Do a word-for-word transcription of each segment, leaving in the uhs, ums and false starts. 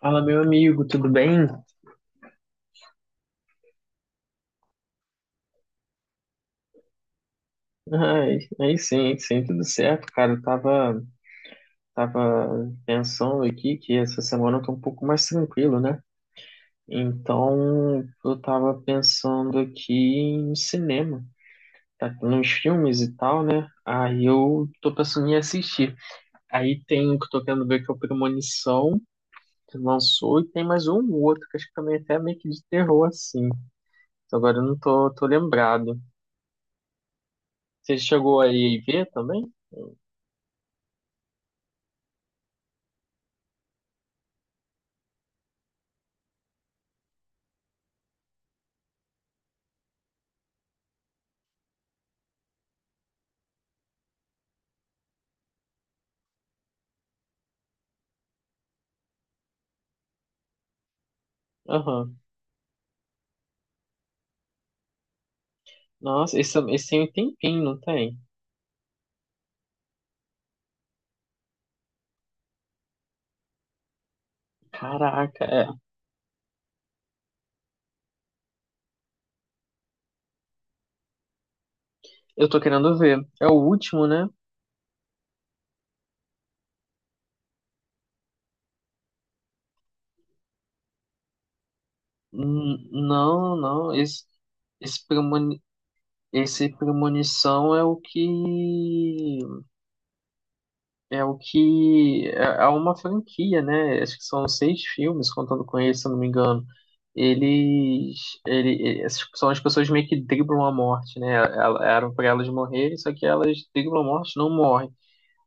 Fala, meu amigo, tudo bem? Ai, aí sim, sim, tudo certo, cara. Eu tava, tava pensando aqui que essa semana eu tô um pouco mais tranquilo, né? Então, eu tava pensando aqui em cinema, tá? Nos filmes e tal, né? Aí eu tô pensando em assistir. Aí tem um que eu tô querendo ver que é o Premonição, que lançou, e tem mais um outro, que acho que também é até meio que de terror, assim. Agora eu não tô, tô lembrado. Você chegou aí ver também? Aham. Nossa, esse, esse tem um tempinho, não tem? Caraca, é. Eu tô querendo ver. É o último, né? Hum, não, não. Esse, esse, premoni, esse premonição é o que. É o que. É, é uma franquia, né? Acho que são seis filmes, contando com esse, se eu não me engano. Eles, ele, essas são as pessoas meio que driblam a morte, né? Ela- Eram pra elas morrerem, só que elas driblam a morte, não morrem.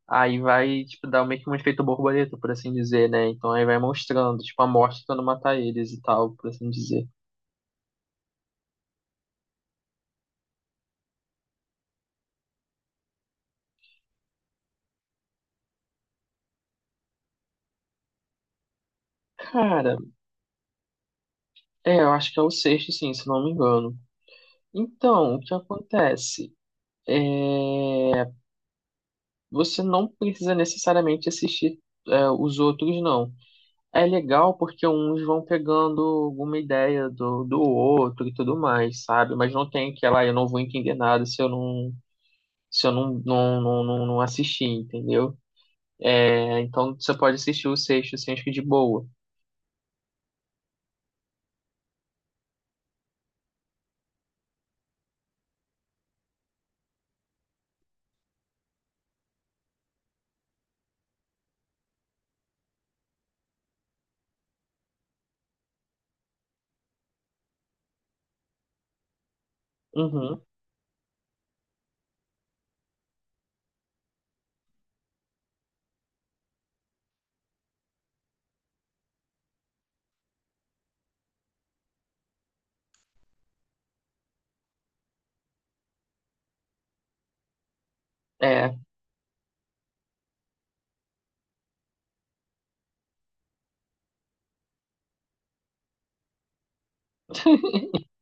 Aí vai, tipo, dar meio que um efeito borboleta, por assim dizer, né? Então aí vai mostrando, tipo, a morte tentando matar eles e tal, por assim dizer. Cara, é, eu acho que é o sexto, sim, se não me engano. Então, o que acontece? Você não precisa necessariamente assistir, é, os outros, não. É legal porque uns vão pegando alguma ideia do, do outro e tudo mais, sabe? Mas não tem aquela, "Ah, eu não vou entender nada se eu não, se eu não, não, não, não não assistir, entendeu? É, então você pode assistir o sexto, assim, acho que de boa. Uhum, é.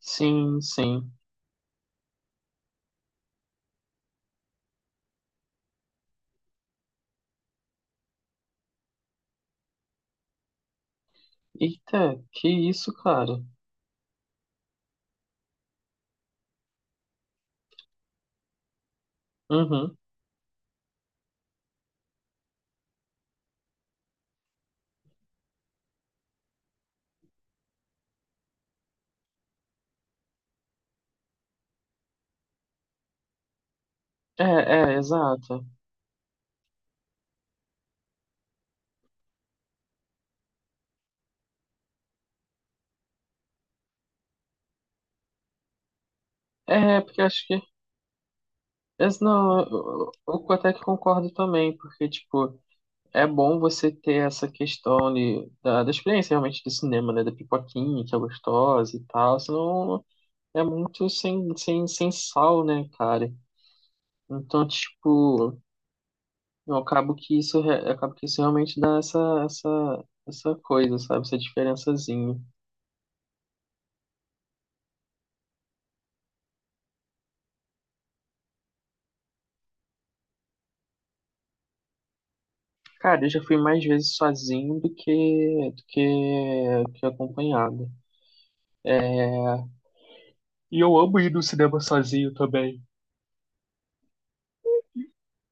Sim, sim. Eita, que isso, cara? Uhum. É, é, exato. É, porque acho que. Mas não, eu, eu eu até que concordo também, porque, tipo, é bom você ter essa questão de, da, da experiência realmente do cinema, né? Da pipoquinha, que é gostosa e tal, senão é muito sem, sem, sem sal, né, cara? Então, tipo. Eu acabo que isso, re- acabo que isso realmente dá essa, essa, essa coisa, sabe? Essa diferençazinha. Cara, eu já fui mais vezes sozinho do que, do que, que acompanhado. E eu amo ir no cinema sozinho também.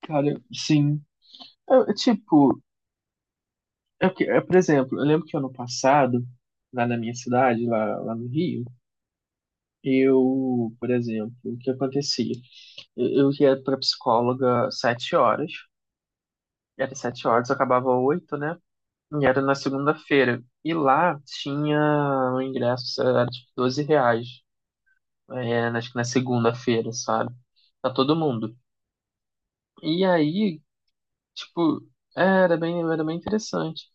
Cara, sim. Eu- eu, tipo, é que- é, por exemplo, eu lembro que ano passado, lá na minha cidade, lá, lá no Rio, eu, por exemplo, o que acontecia? Eu, eu ia pra psicóloga sete horas, era sete horas, eu acabava oito, né? E era na segunda-feira. E lá tinha o ingresso, era tipo doze reais. É, acho que na segunda-feira, sabe? Pra todo mundo. E aí, tipo, é, era bem, era bem interessante.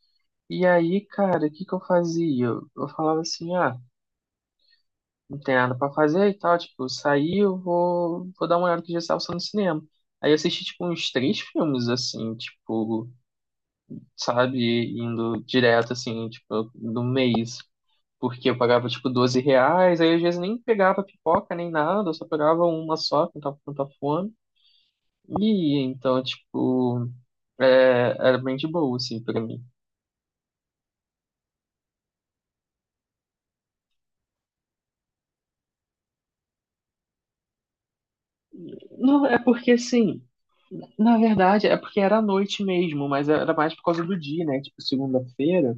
E aí, cara, o que que eu fazia? Eu, eu falava assim, ah, não tem nada pra fazer e tal. Tipo, eu saí, eu vou, vou dar uma olhada que já estava só no cinema. Aí eu assisti, tipo, uns três filmes, assim, tipo, sabe? Indo direto, assim, tipo, no mês. Porque eu pagava tipo doze reais, aí às vezes nem pegava pipoca nem nada, eu só pegava uma só, quando tava com tanta fome. E então, tipo, é, era bem de boa, assim, pra mim. Não, é porque, assim, na verdade, é porque era à noite mesmo, mas era mais por causa do dia, né? Tipo, segunda-feira,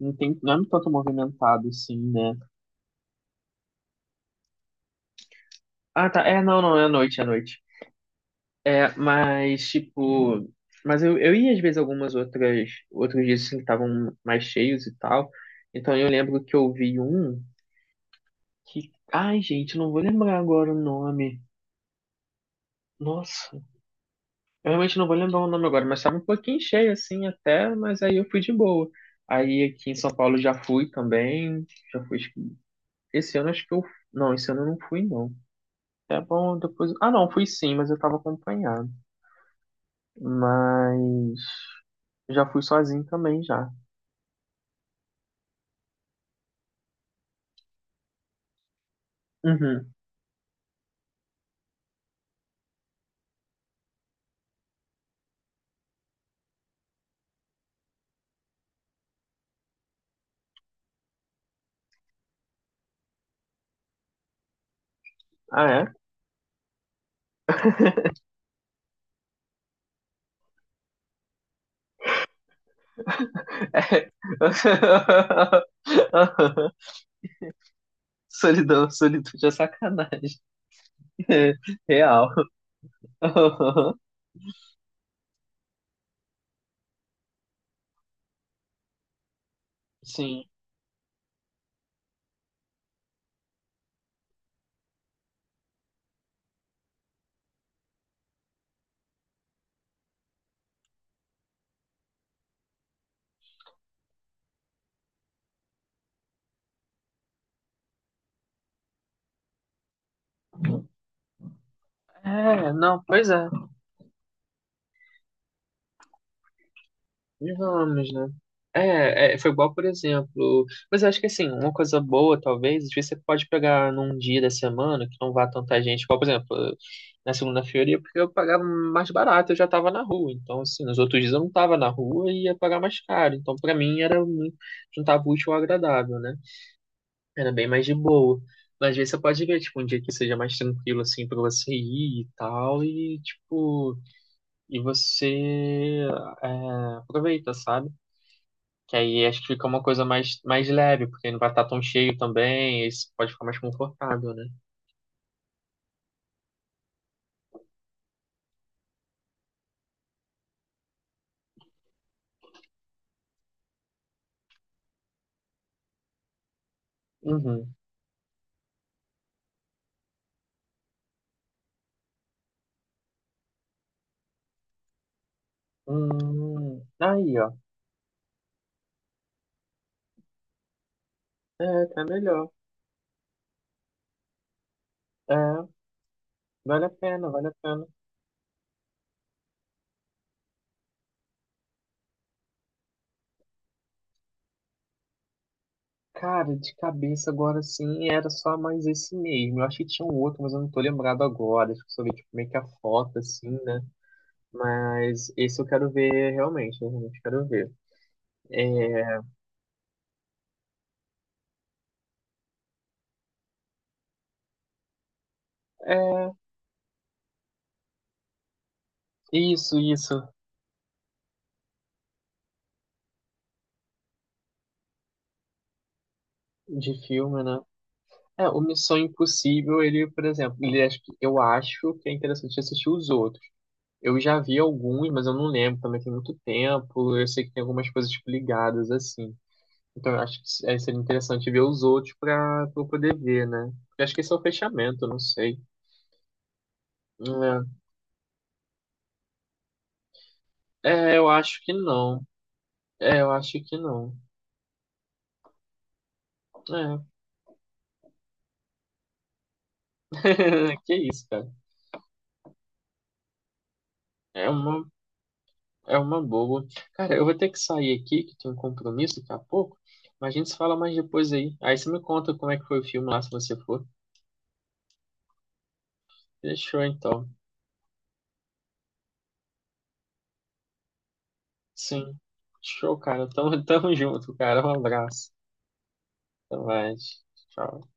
não tem, não é tanto movimentado, assim, né? Ah, tá, é, não, não, é à noite, é à noite. É, mas, tipo. Mas eu, eu ia às vezes algumas outras. Outros dias assim, que estavam mais cheios e tal. Então eu lembro que eu vi um que. Ai, gente, não vou lembrar agora o nome. Nossa, eu realmente não vou lembrar o nome agora, mas estava um pouquinho cheio assim até, mas aí eu fui de boa. Aí aqui em São Paulo já fui também. Já fui. acho que- Esse ano acho que eu. Não, esse ano eu não fui, não. É bom, depois. Ah, não, fui sim, mas eu tava acompanhado. Mas. Já fui sozinho também já. Uhum. Ah, é? Solidão, solitude é sacanagem. Real. Sim. É, não, pois é. E vamos, né? É, é, foi igual, por exemplo. Mas eu acho que assim, uma coisa boa, talvez, às vezes você pode pegar num dia da semana que não vá tanta gente. Igual, por exemplo, na segunda-feira, ia porque eu pagava mais barato, eu já tava na rua. Então, assim, nos outros dias eu não tava na rua e ia pagar mais caro. Então, pra mim, era muito juntar útil ao agradável, né? Era bem mais de boa. Mas às vezes você pode ver, tipo, um dia que seja mais tranquilo, assim, pra você ir e tal, e, tipo, e você é, aproveita, sabe? Que aí acho que fica uma coisa mais, mais leve, porque não vai estar tão cheio também, e você pode ficar mais confortável, né? Uhum. Hum, aí, ó. É, tá melhor. É, vale a pena, vale a pena. Cara, de cabeça agora sim, era só mais esse mesmo. Eu acho que tinha um outro, mas eu não tô lembrado agora. Acho que só vi, tipo, meio que a foto, assim, né? Mas esse eu quero ver realmente, eu realmente quero ver. É, é isso, isso, de filme, né? É, o Missão Impossível, ele, por exemplo, ele acho que- eu acho que é interessante assistir os outros. Eu já vi alguns, mas eu não lembro, também tem muito tempo. Eu sei que tem algumas coisas tipo, ligadas assim. Então eu acho que é, seria interessante ver os outros para eu poder ver, né? Eu acho que esse é o fechamento, eu não sei. É, é, eu acho que não. É, eu acho que não. É. Que isso, cara. É uma, é uma boa. Cara, eu vou ter que sair aqui, que tem um compromisso daqui a pouco, mas a gente se fala mais depois aí. Aí você me conta como é que foi o filme lá, se você for. Fechou, então. Sim. Show, cara. Tamo, tamo junto, cara. Um abraço. Até mais. Tchau.